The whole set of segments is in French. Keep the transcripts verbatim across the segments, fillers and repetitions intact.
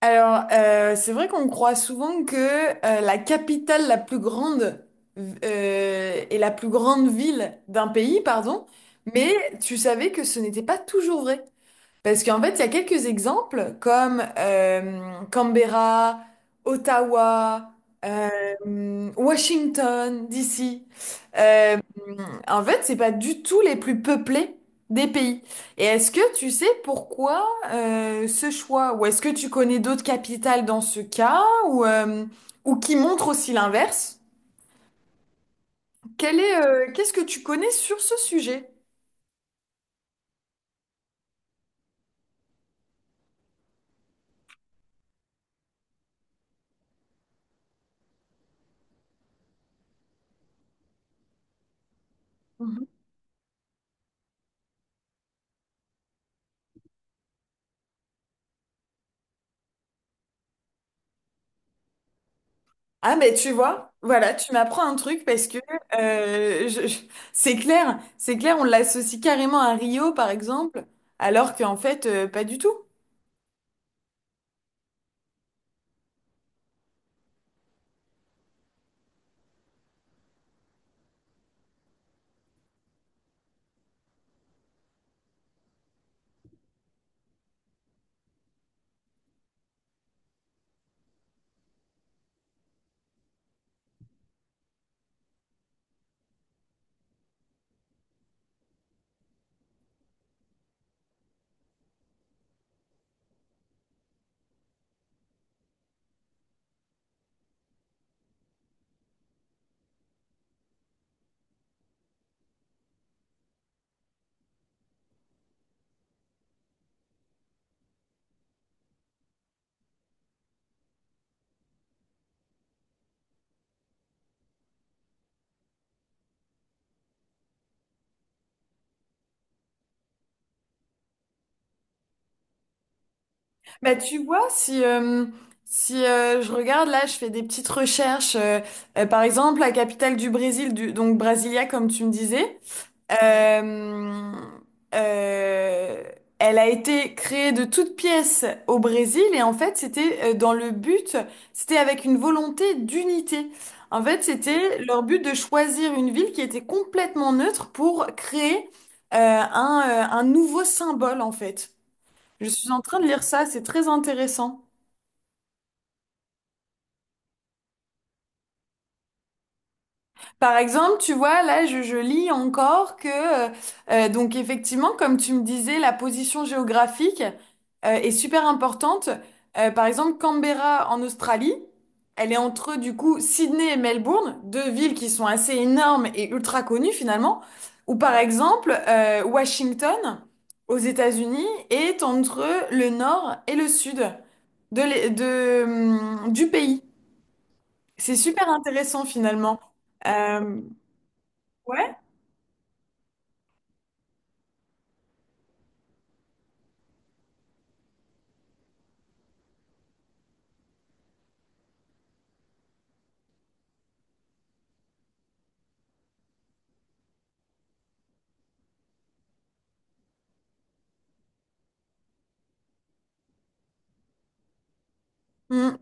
Alors, euh, c'est vrai qu'on croit souvent que euh, la capitale la plus grande euh, est la plus grande ville d'un pays, pardon, mais tu savais que ce n'était pas toujours vrai. Parce qu'en fait, il y a quelques exemples comme euh, Canberra, Ottawa, euh, Washington, D C. Euh, En fait, c'est pas du tout les plus peuplés des pays. Et est-ce que tu sais pourquoi euh, ce choix? Ou est-ce que tu connais d'autres capitales dans ce cas ou, euh, ou qui montrent aussi l'inverse? Quel est, euh, qu'est-ce que tu connais sur ce sujet? Ah mais tu vois, voilà, tu m'apprends un truc parce que euh, je- je- c'est clair, c'est clair, on l'associe carrément à Rio par exemple, alors qu'en fait euh, pas du tout. Bah tu vois, si euh, si euh, je regarde là, je fais des petites recherches, euh, euh, par exemple la capitale du Brésil, du, donc Brasilia comme tu me disais. Euh, euh, Elle a été créée de toutes pièces au Brésil et en fait c'était euh, dans le but, c'était avec une volonté d'unité. En fait c'était leur but de choisir une ville qui était complètement neutre pour créer euh, un, euh, un nouveau symbole en fait. Je suis en train de lire ça, c'est très intéressant. Par exemple, tu vois, là, je, je lis encore que, euh, euh, donc effectivement, comme tu me disais, la position géographique, euh, est super importante. Euh, par exemple, Canberra en Australie, elle est entre, du coup, Sydney et Melbourne, deux villes qui sont assez énormes et ultra connues finalement. Ou par exemple, euh, Washington aux États-Unis est entre le nord et le sud de, l'é- de, hum, du pays. C'est super intéressant finalement. Euh, ouais. Mm,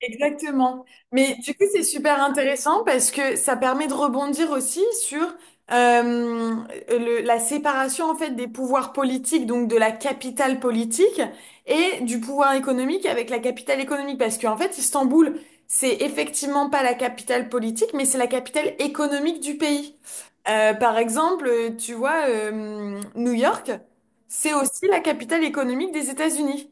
exactement. Mais du coup, c'est super intéressant parce que ça permet de rebondir aussi sur euh, le- la séparation en fait des pouvoirs politiques, donc de la capitale politique et du pouvoir économique avec la capitale économique, parce qu'en fait, Istanbul, c'est effectivement pas la capitale politique, mais c'est la capitale économique du pays. Euh, par exemple, euh, tu vois, euh, New York, c'est aussi la capitale économique des États-Unis.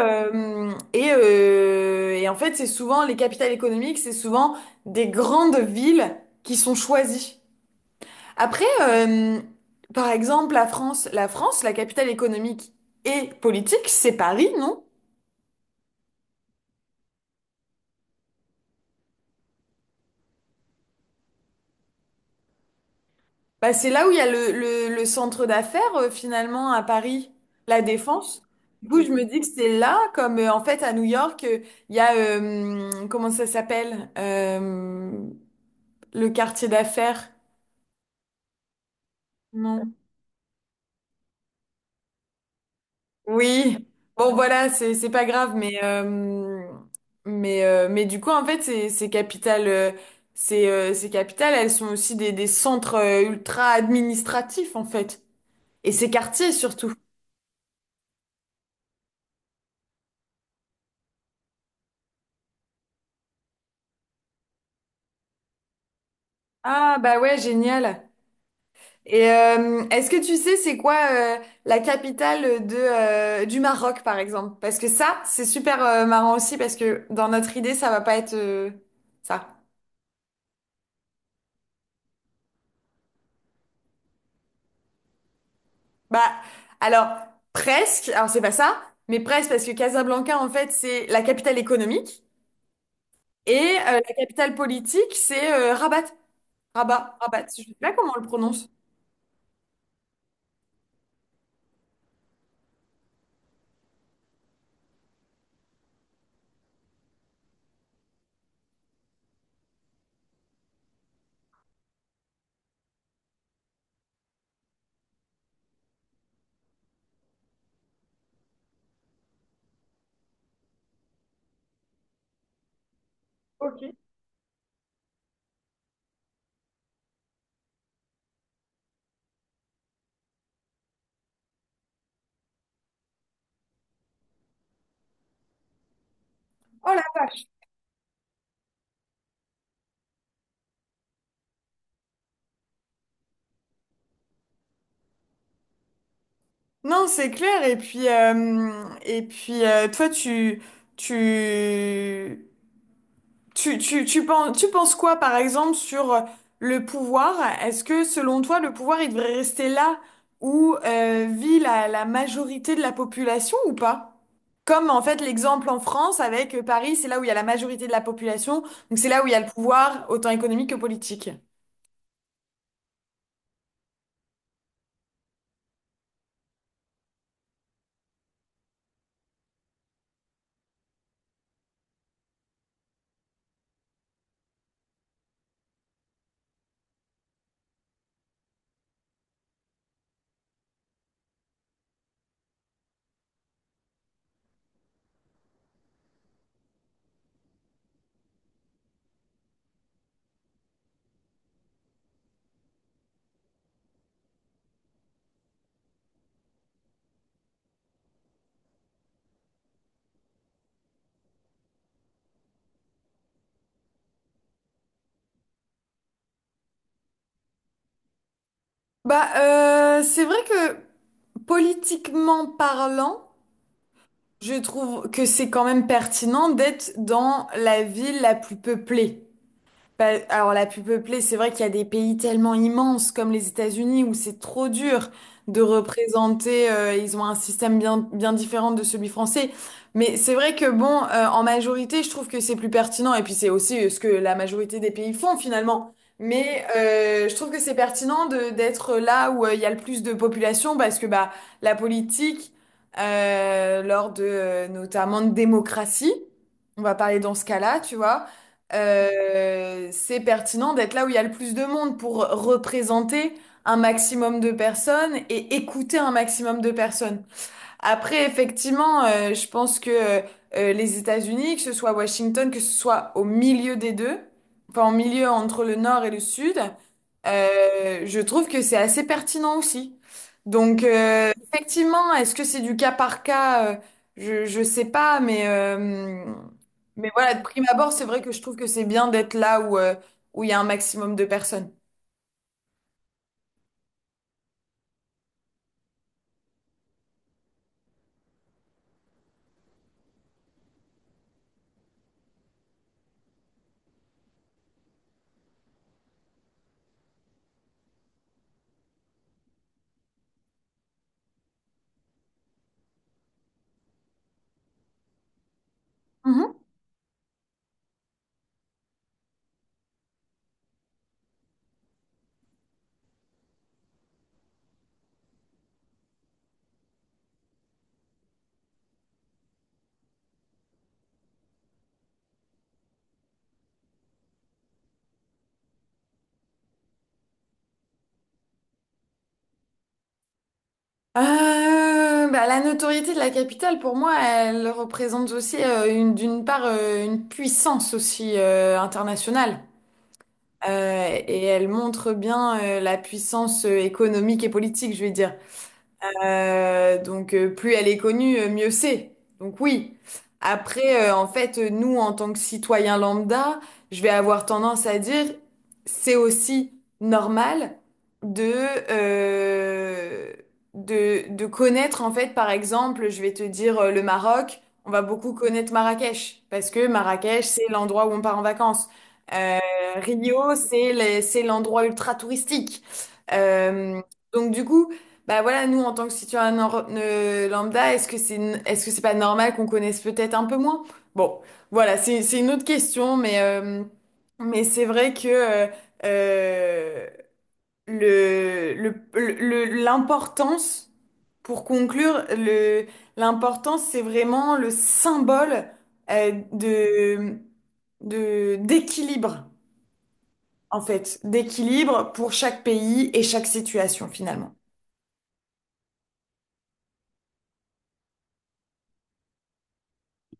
Euh, et, euh, et en fait, c'est souvent les capitales économiques, c'est souvent des grandes villes qui sont choisies. Après, euh, par exemple, la France, la France, la capitale économique et politique, c'est Paris, non? Bah, c'est là où il y a le, le, le centre d'affaires euh, finalement à Paris, la Défense. Du coup, je me dis que c'est là, comme euh, en fait à New York, euh, il y a euh, comment ça s'appelle. Euh, le quartier d'affaires? Non. Oui, bon voilà, c'est c'est pas grave, mais euh, mais euh, mais du coup en fait ces ces capitales, euh, ces euh, ces capitales, elles sont aussi des des centres euh, ultra administratifs en fait, et ces quartiers surtout. Ah bah ouais, génial. Et euh, est-ce que tu sais c'est quoi euh, la capitale de euh, du Maroc par exemple? Parce que ça c'est super euh, marrant aussi parce que dans notre idée ça va pas être euh, ça. Bah, alors, presque, alors c'est pas ça, mais presque parce que Casablanca, en fait, c'est la capitale économique et euh, la capitale politique, c'est euh, Rabat. Rabat, Rabat, je sais pas comment on le prononce. Ok. Oh la vache. Non, c'est clair. Et puis, euh, et puis euh, toi, tu, tu, Tu, tu, tu penses, tu penses quoi, par exemple, sur euh, le pouvoir? Est-ce que, selon toi, le pouvoir, il devrait rester là où euh, vit la, la majorité de la population ou pas? Comme, en fait, l'exemple en France avec euh, Paris, c'est là où il y a la majorité de la population, donc c'est là où il y a le pouvoir, autant économique que politique. Bah, euh, c'est vrai que politiquement parlant, je trouve que c'est quand même pertinent d'être dans la ville la plus peuplée. Bah, alors la plus peuplée, c'est vrai qu'il y a des pays tellement immenses comme les États-Unis où c'est trop dur de représenter, euh, ils ont un système bien, bien différent de celui français. Mais c'est vrai que bon, euh, en majorité, je trouve que c'est plus pertinent et puis c'est aussi euh, ce que la majorité des pays font finalement. Mais euh, je trouve que c'est pertinent de d'être là où euh, il y a le plus de population parce que bah la politique euh, lors de euh, notamment de démocratie, on va parler dans ce cas-là, tu vois euh, c'est pertinent d'être là où il y a le plus de monde pour représenter un maximum de personnes et écouter un maximum de personnes. Après, effectivement, euh, je pense que euh, euh, les États-Unis, que ce soit à Washington, que ce soit au milieu des deux, enfin en milieu entre le nord et le sud, euh, je trouve que c'est assez pertinent aussi. Donc, euh, effectivement, est-ce que c'est du cas par cas? euh, je, je sais pas, mais, euh, mais voilà, de prime abord, c'est vrai que je trouve que c'est bien d'être là où, euh, où il y a un maximum de personnes. Euh, Bah, la notoriété de la capitale, pour moi, elle représente aussi euh, une, d'une part euh, une puissance aussi euh, internationale. Euh, et elle montre bien euh, la puissance euh, économique et politique, je vais dire. Euh, donc euh, plus elle est connue, euh, mieux c'est. Donc oui. Après, euh, en fait, euh, nous, en tant que citoyens lambda, je vais avoir tendance à dire, c'est aussi normal de, euh, de, de connaître, en fait, par exemple, je vais te dire euh, le Maroc, on va beaucoup connaître Marrakech, parce que Marrakech, c'est l'endroit où on part en vacances. Euh, Rio, c'est les- c'est l'endroit ultra touristique. Euh, donc du coup... Bah voilà, nous, en tant que citoyen nor- euh, lambda, est-ce que c'est, est-ce que c'est pas normal qu'on connaisse peut-être un peu moins? Bon, voilà, c'est, c'est une autre question, mais, euh, mais c'est vrai que euh, euh, le, le, le- le- l'importance, pour conclure, le, l'importance, c'est vraiment le symbole euh, de, de, d'équilibre, en fait, d'équilibre pour chaque pays et chaque situation, finalement.